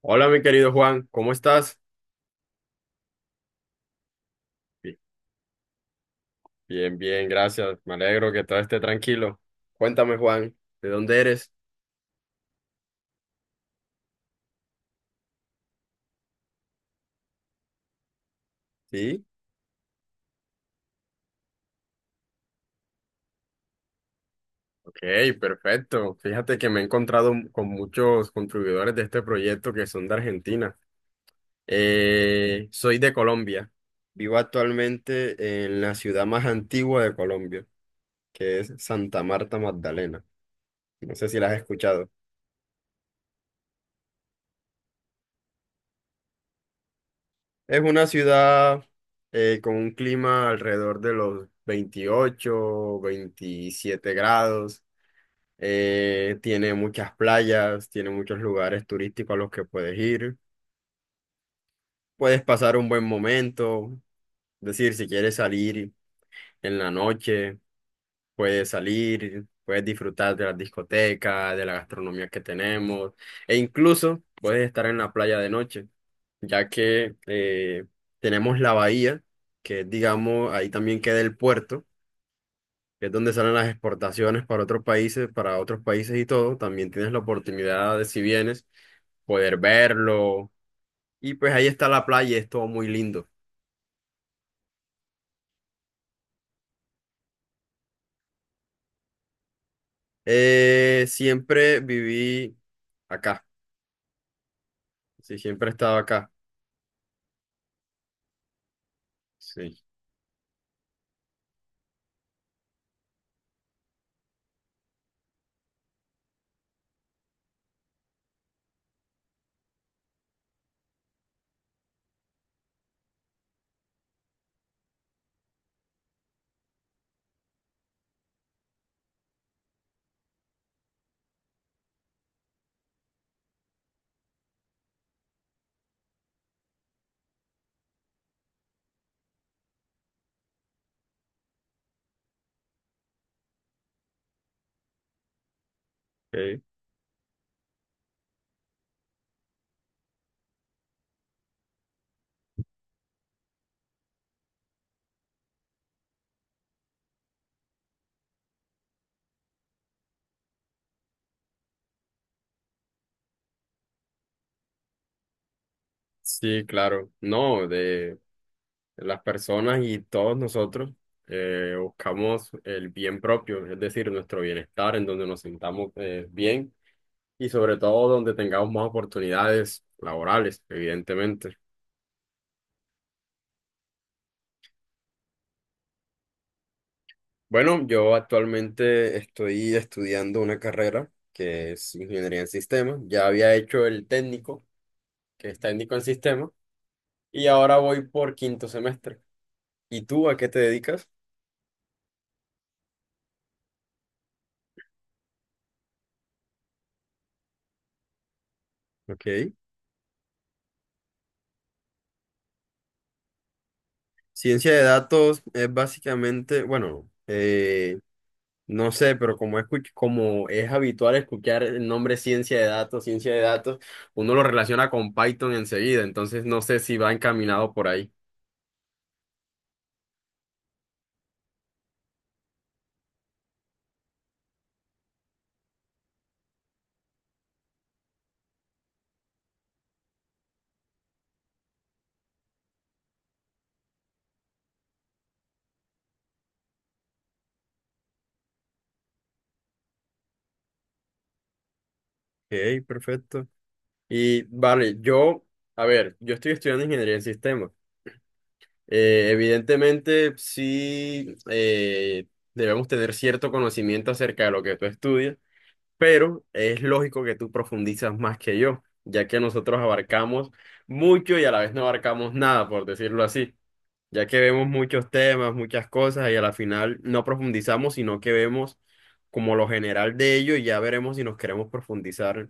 Hola, mi querido Juan, ¿cómo estás? Bi- Bien, bien, gracias. Me alegro que todo esté tranquilo. Cuéntame, Juan, ¿de dónde eres? Sí. Ok, perfecto. Fíjate que me he encontrado con muchos contribuidores de este proyecto que son de Argentina. Soy de Colombia. Vivo actualmente en la ciudad más antigua de Colombia, que es Santa Marta Magdalena. No sé si la has escuchado. Es una ciudad con un clima alrededor de los 28 27 grados. Tiene muchas playas, tiene muchos lugares turísticos a los que puedes ir. Puedes pasar un buen momento. Es decir, si quieres salir en la noche, puedes salir, puedes disfrutar de las discotecas, de la gastronomía que tenemos, e incluso puedes estar en la playa de noche. Ya que tenemos la bahía, que es, digamos, ahí también queda el puerto, que es donde salen las exportaciones para otros países y todo. También tienes la oportunidad de, si vienes, poder verlo. Y pues ahí está la playa, es todo muy lindo. Siempre viví acá, sí, siempre he estado acá, sí. Ok. Sí, claro, no, las personas y todos nosotros buscamos el bien propio, es decir, nuestro bienestar, en donde nos sintamos bien y sobre todo donde tengamos más oportunidades laborales, evidentemente. Bueno, yo actualmente estoy estudiando una carrera que es ingeniería en sistemas. Ya había hecho el técnico, que es técnico en sistemas, y ahora voy por quinto semestre. ¿Y tú a qué te dedicas? Ok. Ciencia de datos es básicamente, bueno, no sé, pero como es, como es habitual escuchar el nombre ciencia de datos, uno lo relaciona con Python enseguida, entonces no sé si va encaminado por ahí. Ok, perfecto. Y vale, yo, a ver, yo estoy estudiando ingeniería en sistemas. Evidentemente, sí, debemos tener cierto conocimiento acerca de lo que tú estudias, pero es lógico que tú profundizas más que yo, ya que nosotros abarcamos mucho y a la vez no abarcamos nada, por decirlo así. Ya que vemos muchos temas, muchas cosas y a la final no profundizamos, sino que vemos como lo general de ello y ya veremos si nos queremos profundizar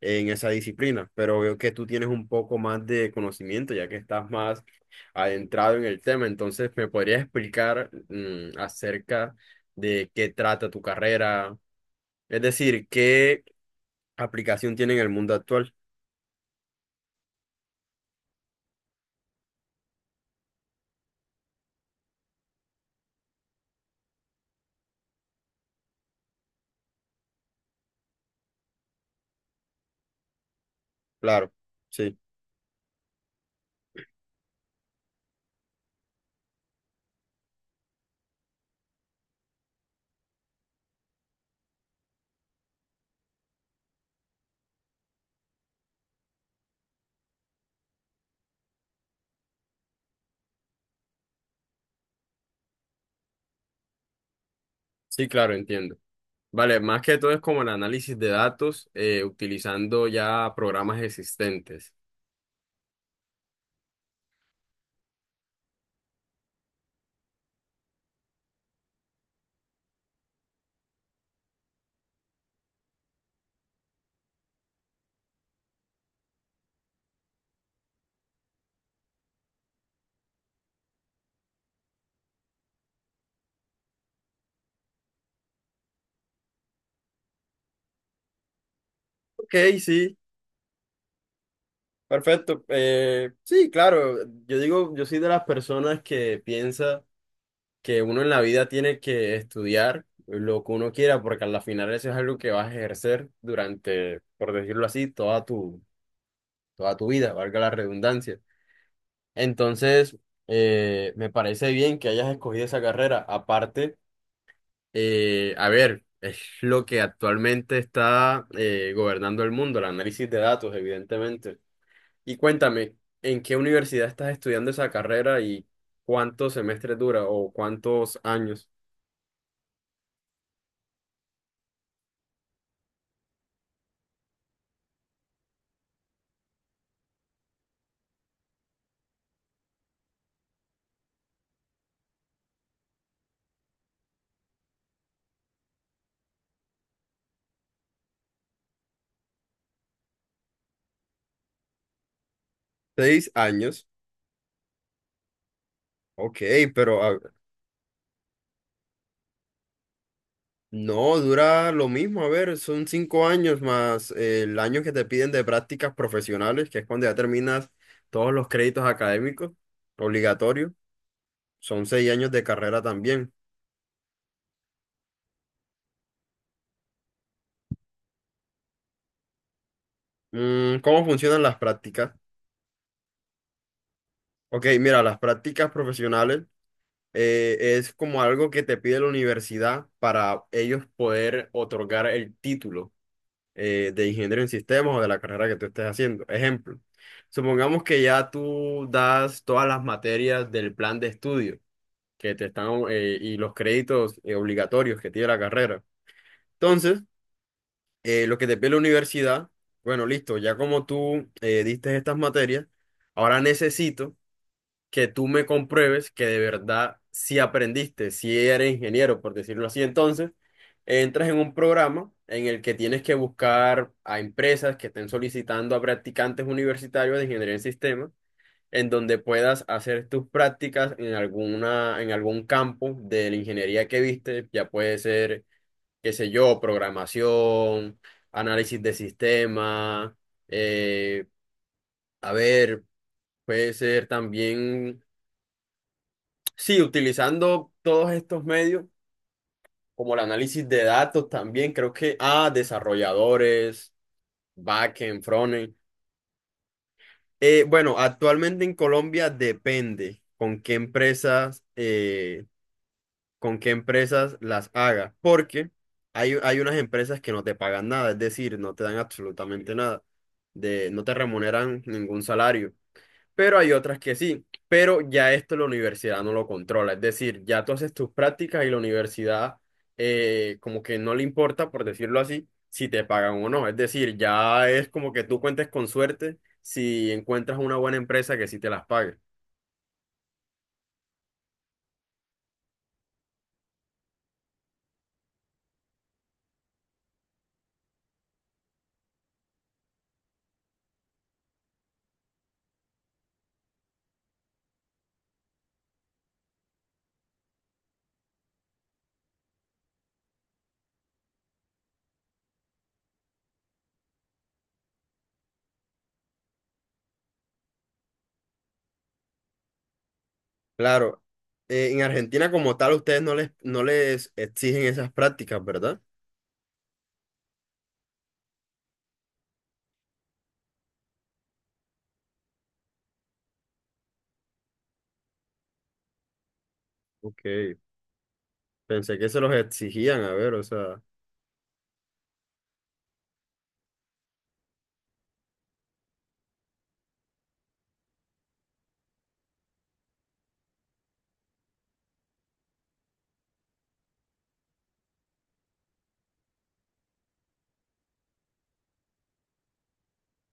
en esa disciplina. Pero veo que tú tienes un poco más de conocimiento, ya que estás más adentrado en el tema. Entonces, ¿me podrías explicar, acerca de qué trata tu carrera? Es decir, ¿qué aplicación tiene en el mundo actual? Claro, sí, sí, claro, entiendo. Vale, más que todo es como el análisis de datos, utilizando ya programas existentes. Ok, sí, perfecto. Sí, claro, yo digo, yo soy de las personas que piensa que uno en la vida tiene que estudiar lo que uno quiera, porque al final eso es algo que vas a ejercer durante, por decirlo así, toda tu vida, valga la redundancia. Entonces, me parece bien que hayas escogido esa carrera. Aparte, a ver, es lo que actualmente está gobernando el mundo, el análisis de datos, evidentemente. Y cuéntame, ¿en qué universidad estás estudiando esa carrera y cuántos semestres dura o cuántos años? 6 años. Ok, pero no dura lo mismo. A ver, son 5 años más el año que te piden de prácticas profesionales, que es cuando ya terminas todos los créditos académicos obligatorios. Son 6 años de carrera también. Mm, ¿cómo funcionan las prácticas? Ok, mira, las prácticas profesionales es como algo que te pide la universidad para ellos poder otorgar el título de ingeniero en sistemas o de la carrera que tú estés haciendo. Ejemplo, supongamos que ya tú das todas las materias del plan de estudio que te están, y los créditos obligatorios que tiene la carrera. Entonces, lo que te pide la universidad, bueno, listo, ya como tú, diste estas materias, ahora necesito que tú me compruebes que de verdad si aprendiste, si eres ingeniero, por decirlo así, entonces entras en un programa en el que tienes que buscar a empresas que estén solicitando a practicantes universitarios de ingeniería en sistemas, en donde puedas hacer tus prácticas en alguna, en algún campo de la ingeniería que viste, ya puede ser, qué sé yo, programación, análisis de sistemas, eh, a ver. Puede ser también sí, utilizando todos estos medios, como el análisis de datos también, creo que a desarrolladores, backend, frontend. Bueno, actualmente en Colombia depende con qué empresas las hagas, porque hay unas empresas que no te pagan nada, es decir, no te dan absolutamente nada, no te remuneran ningún salario. Pero hay otras que sí. Pero ya esto la universidad no lo controla. Es decir, ya tú haces tus prácticas y la universidad, como que no le importa, por decirlo así, si te pagan o no. Es decir, ya es como que tú cuentes con suerte si encuentras una buena empresa que sí te las pague. Claro, en Argentina como tal ustedes no les exigen esas prácticas, ¿verdad? Ok, pensé que se los exigían, a ver, o sea,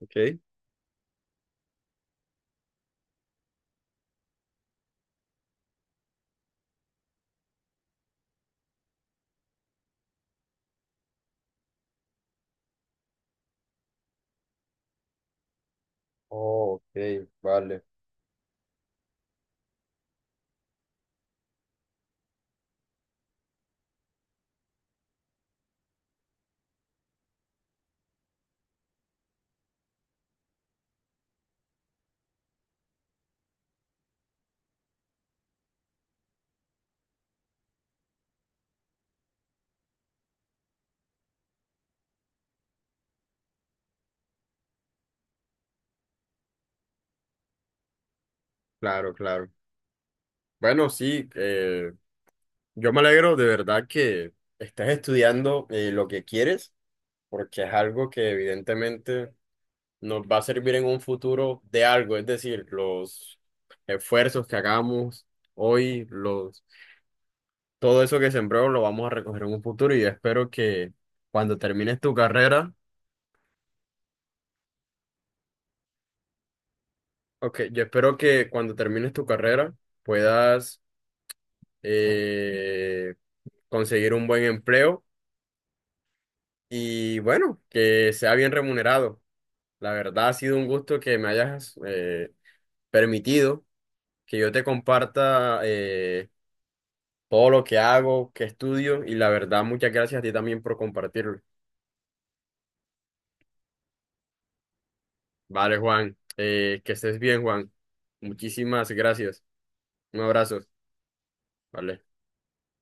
ok. Oh, ok, vale. Claro, claro. Bueno, sí, yo me alegro de verdad que estés estudiando, lo que quieres, porque es algo que evidentemente nos va a servir en un futuro de algo, es decir, los esfuerzos que hagamos hoy, todo eso que sembró lo vamos a recoger en un futuro y yo espero que cuando termines tu carrera, ok, yo espero que cuando termines tu carrera puedas eh, conseguir un buen empleo y bueno, que sea bien remunerado. La verdad ha sido un gusto que me hayas permitido que yo te comparta todo lo que hago, que estudio y la verdad muchas gracias a ti también por compartirlo. Vale, Juan, que estés bien, Juan. Muchísimas gracias. Un abrazo. Vale.